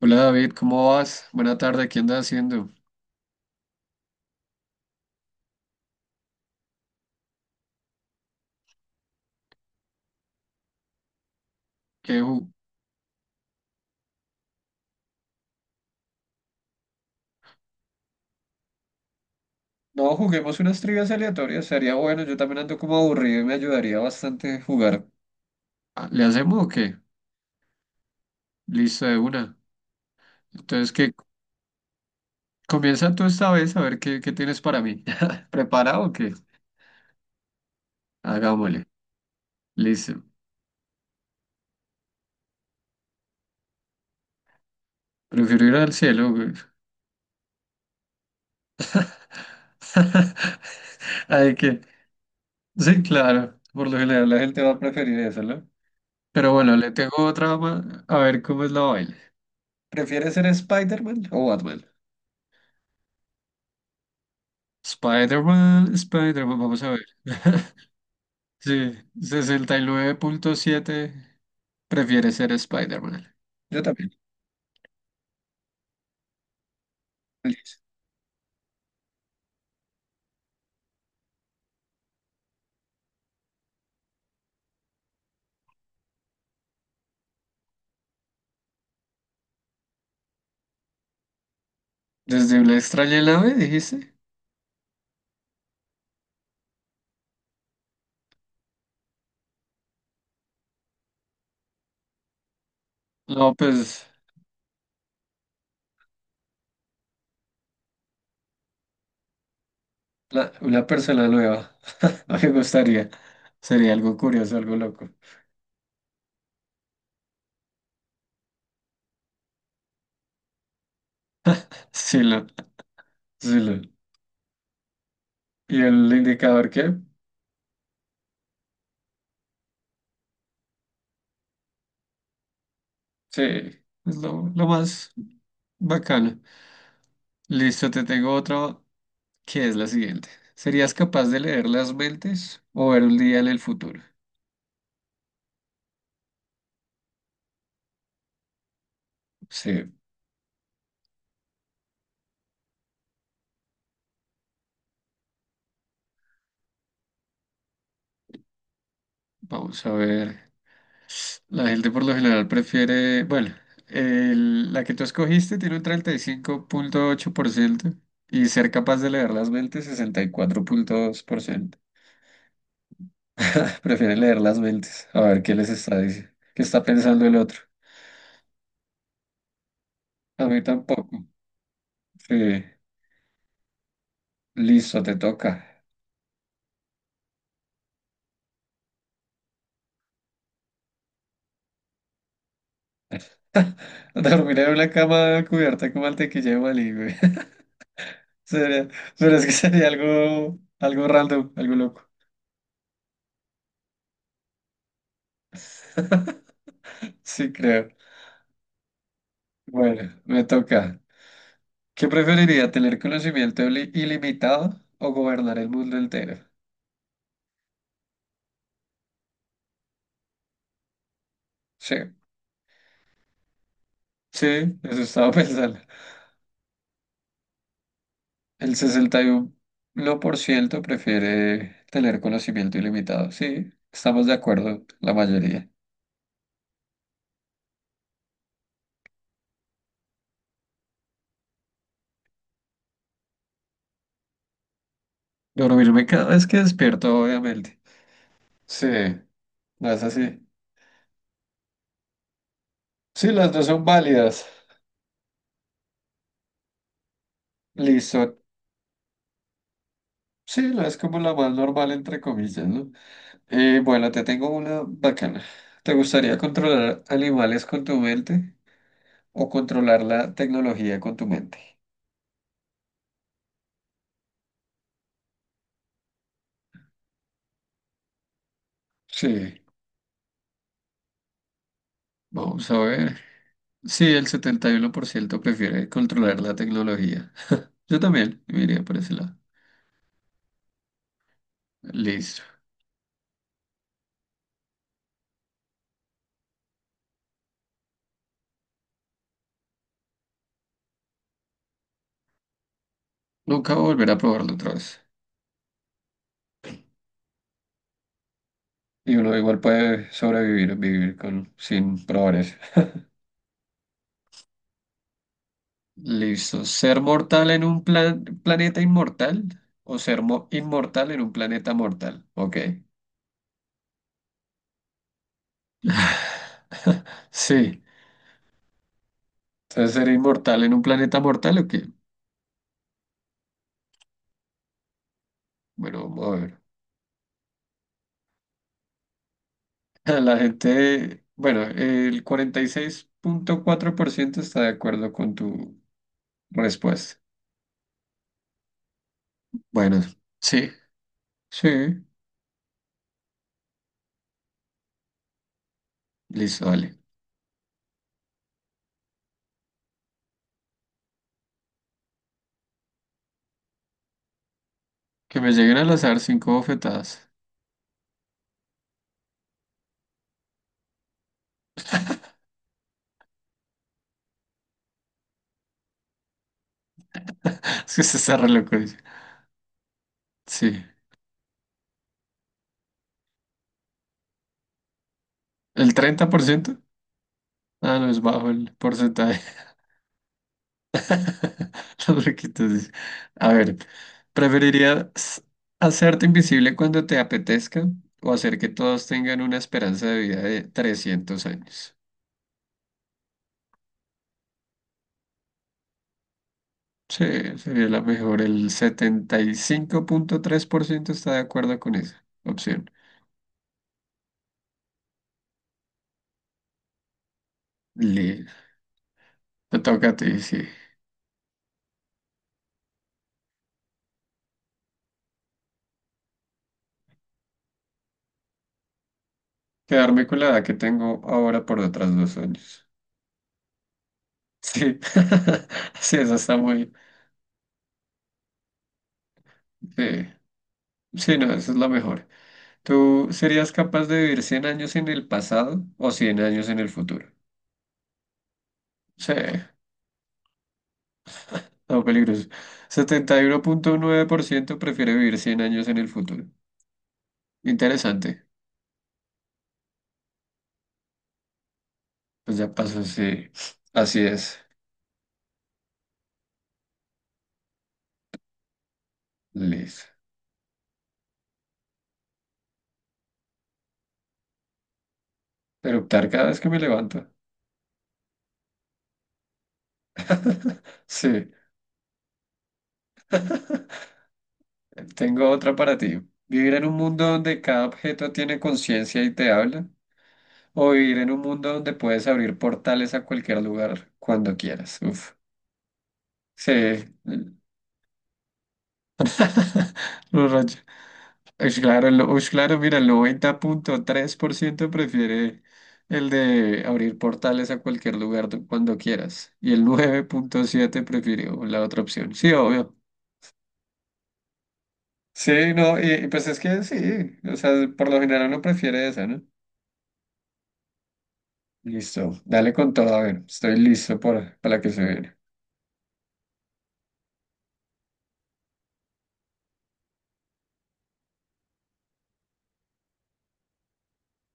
Hola David, ¿cómo vas? Buena tarde, ¿qué andas haciendo? ¿Qué ju- No, juguemos unas trivias aleatorias, sería bueno, yo también ando como aburrido y me ayudaría bastante jugar. Ah, ¿le hacemos o qué? Listo, de una. Entonces, ¿qué? Comienza tú esta vez a ver qué tienes para mí. ¿Preparado o qué? Hagámosle. Listo. Prefiero ir al cielo, güey. Ay, que... Sí, claro. Por lo general la gente va a preferir eso, ¿no? Pero bueno, le tengo otra más. A ver cómo es la vaina. ¿Prefieres ser Spider-Man o Batman? Spider-Man, Spider-Man, vamos a ver. Sí, sesenta y nueve punto siete. Prefiere ser Spider-Man. Yo también. Feliz. Desde una extraña nave, dijiste. No, una persona nueva. Me gustaría. Sería algo curioso, algo loco. Sí, lo, sí, lo. ¿Y el indicador qué? Sí, lo más bacano. Listo, te tengo otra, que es la siguiente. ¿Serías capaz de leer las mentes o ver un día en el futuro? Sí, vamos a ver. La gente por lo general prefiere, bueno, la que tú escogiste tiene un treinta y cinco punto ocho por ciento y ser capaz de leer las mentes sesenta y cuatro punto dos por ciento. Prefieren leer las mentes, a ver qué les está diciendo, qué está pensando el otro. A mí tampoco. Sí, listo, te toca. Dormir en una cama cubierta con mantequilla de maní, güey. Sería, pero es que sería algo random, algo loco. Sí, creo. Bueno, me toca. ¿Qué preferiría, tener conocimiento ilimitado o gobernar el mundo entero? Sí, sí, eso estaba pensando. El sesenta y uno por ciento prefiere tener conocimiento ilimitado. Sí, estamos de acuerdo, la mayoría. Dormirme cada vez que despierto, obviamente. Sí, no es así. Sí, las dos son válidas. Listo. Sí, es como la más normal, entre comillas, ¿no? Bueno, te tengo una bacana. ¿Te gustaría controlar animales con tu mente o controlar la tecnología con tu mente? Sí, vamos a ver. Sí, el 71% prefiere controlar la tecnología. Yo también me iría por ese lado. Listo. Nunca volveré a probarlo otra vez. Y uno igual puede sobrevivir, sin probar eso. Listo. ¿Ser mortal en un planeta inmortal o ser inmortal en un planeta mortal? Ok. Sí. Entonces, ¿ser inmortal en un planeta mortal o qué? Bueno, vamos a ver. La gente, bueno, el cuarenta y seis punto cuatro por ciento está de acuerdo con tu respuesta. Bueno, sí, sí. Listo, vale. Que me lleguen al azar cinco bofetadas. Es que se está re loco, dice. Sí. ¿El treinta por ciento? Ah, no, es bajo el porcentaje. Los huequitos. A ver, ¿preferirías hacerte invisible cuando te apetezca o hacer que todos tengan una esperanza de vida de 300 años? Sí, sería la mejor. El setenta y cinco punto tres por ciento está de acuerdo con esa opción. Listo. Te toca a ti, sí. Quedarme con la edad que tengo ahora por otras dos años. Sí, sí, esa está muy... Sí, sí, no, esa es la mejor. ¿Tú serías capaz de vivir 100 años en el pasado o 100 años en el futuro? Sí, no peligroso. Setenta y uno punto nueve por ciento prefiere vivir 100 años en el futuro. Interesante. Pues ya pasó, sí. Así es. Listo. Eruptar cada vez que me levanto. Sí. Tengo otra para ti. ¿Vivir en un mundo donde cada objeto tiene conciencia y te habla? ¿O vivir en un mundo donde puedes abrir portales a cualquier lugar cuando quieras? Uf. Sí, los rayos, ush, claro, mira, el noventa punto tres por ciento prefiere el de abrir portales a cualquier lugar cuando quieras. Y el nueve punto siete prefirió la otra opción. Sí, obvio. Sí, no, y pues es que sí, o sea, por lo general uno prefiere esa, ¿no? Listo, dale con todo, a ver, estoy listo para la que se viene.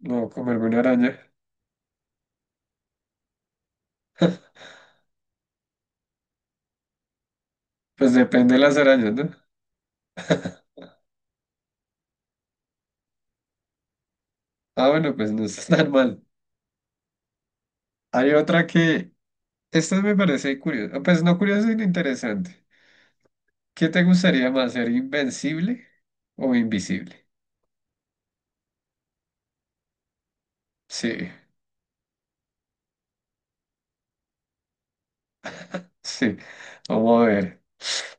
No, comerme una araña. Pues depende de las arañas, ¿no? Ah, bueno, pues no está tan mal. Hay otra que esto me parece curioso. Pues no curioso, sino interesante. ¿Qué te gustaría más, ser invencible o invisible? Sí, sí. Vamos a ver.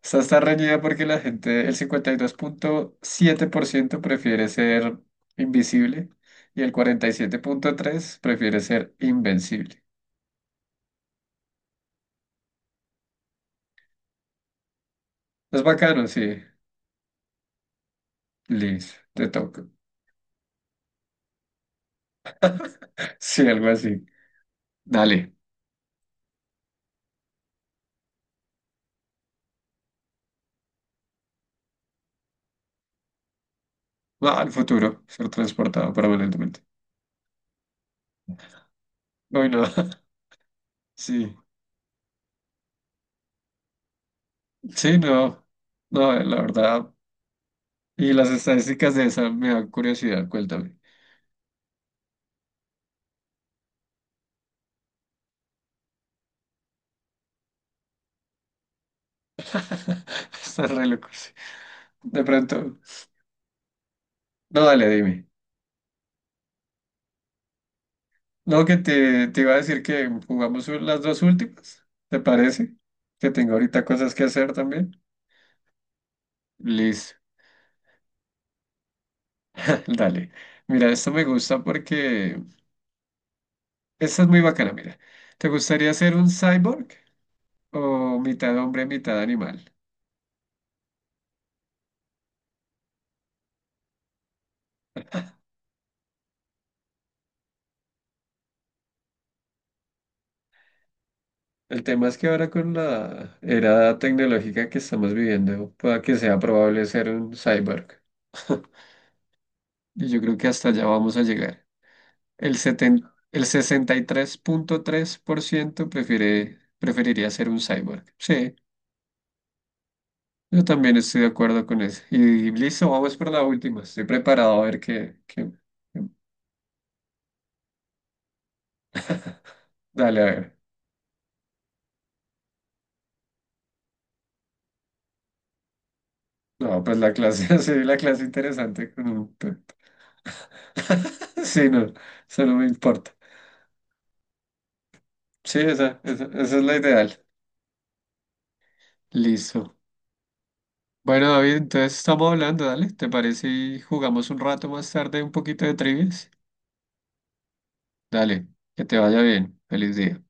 Esta está reñida porque la gente, el 52.7% prefiere ser invisible y el 47.3% prefiere ser invencible. Es bacano, sí. Liz, te toca. Sí, algo así. Dale. Va al futuro, ser transportado permanentemente. Uy, no. Sí. Sí, no, no, la verdad. Y las estadísticas de esa me dan curiosidad, cuéntame. Estás re loco, sí. De pronto. No, dale, dime. No, que te iba a decir que jugamos las dos últimas, ¿te parece? Que tengo ahorita cosas que hacer también. Listo, dale. Mira, esto me gusta porque esta es muy bacana, mira. ¿Te gustaría ser un cyborg o mitad hombre, mitad animal? El tema es que ahora con la era tecnológica que estamos viviendo, pueda que sea probable ser un cyborg. Y yo creo que hasta allá vamos a llegar. El seten el sesenta y tres punto tres por ciento preferiría ser un cyborg. Sí, yo también estoy de acuerdo con eso. Y listo, vamos por la última. Estoy preparado a ver qué. Dale, a ver. No, pues la clase, sí, la clase interesante con un... Sí, no, eso no me importa. Sí, esa es la ideal. Listo. Bueno, David, entonces estamos hablando, dale. ¿Te parece y jugamos un rato más tarde un poquito de trivias? Dale, que te vaya bien. Feliz día.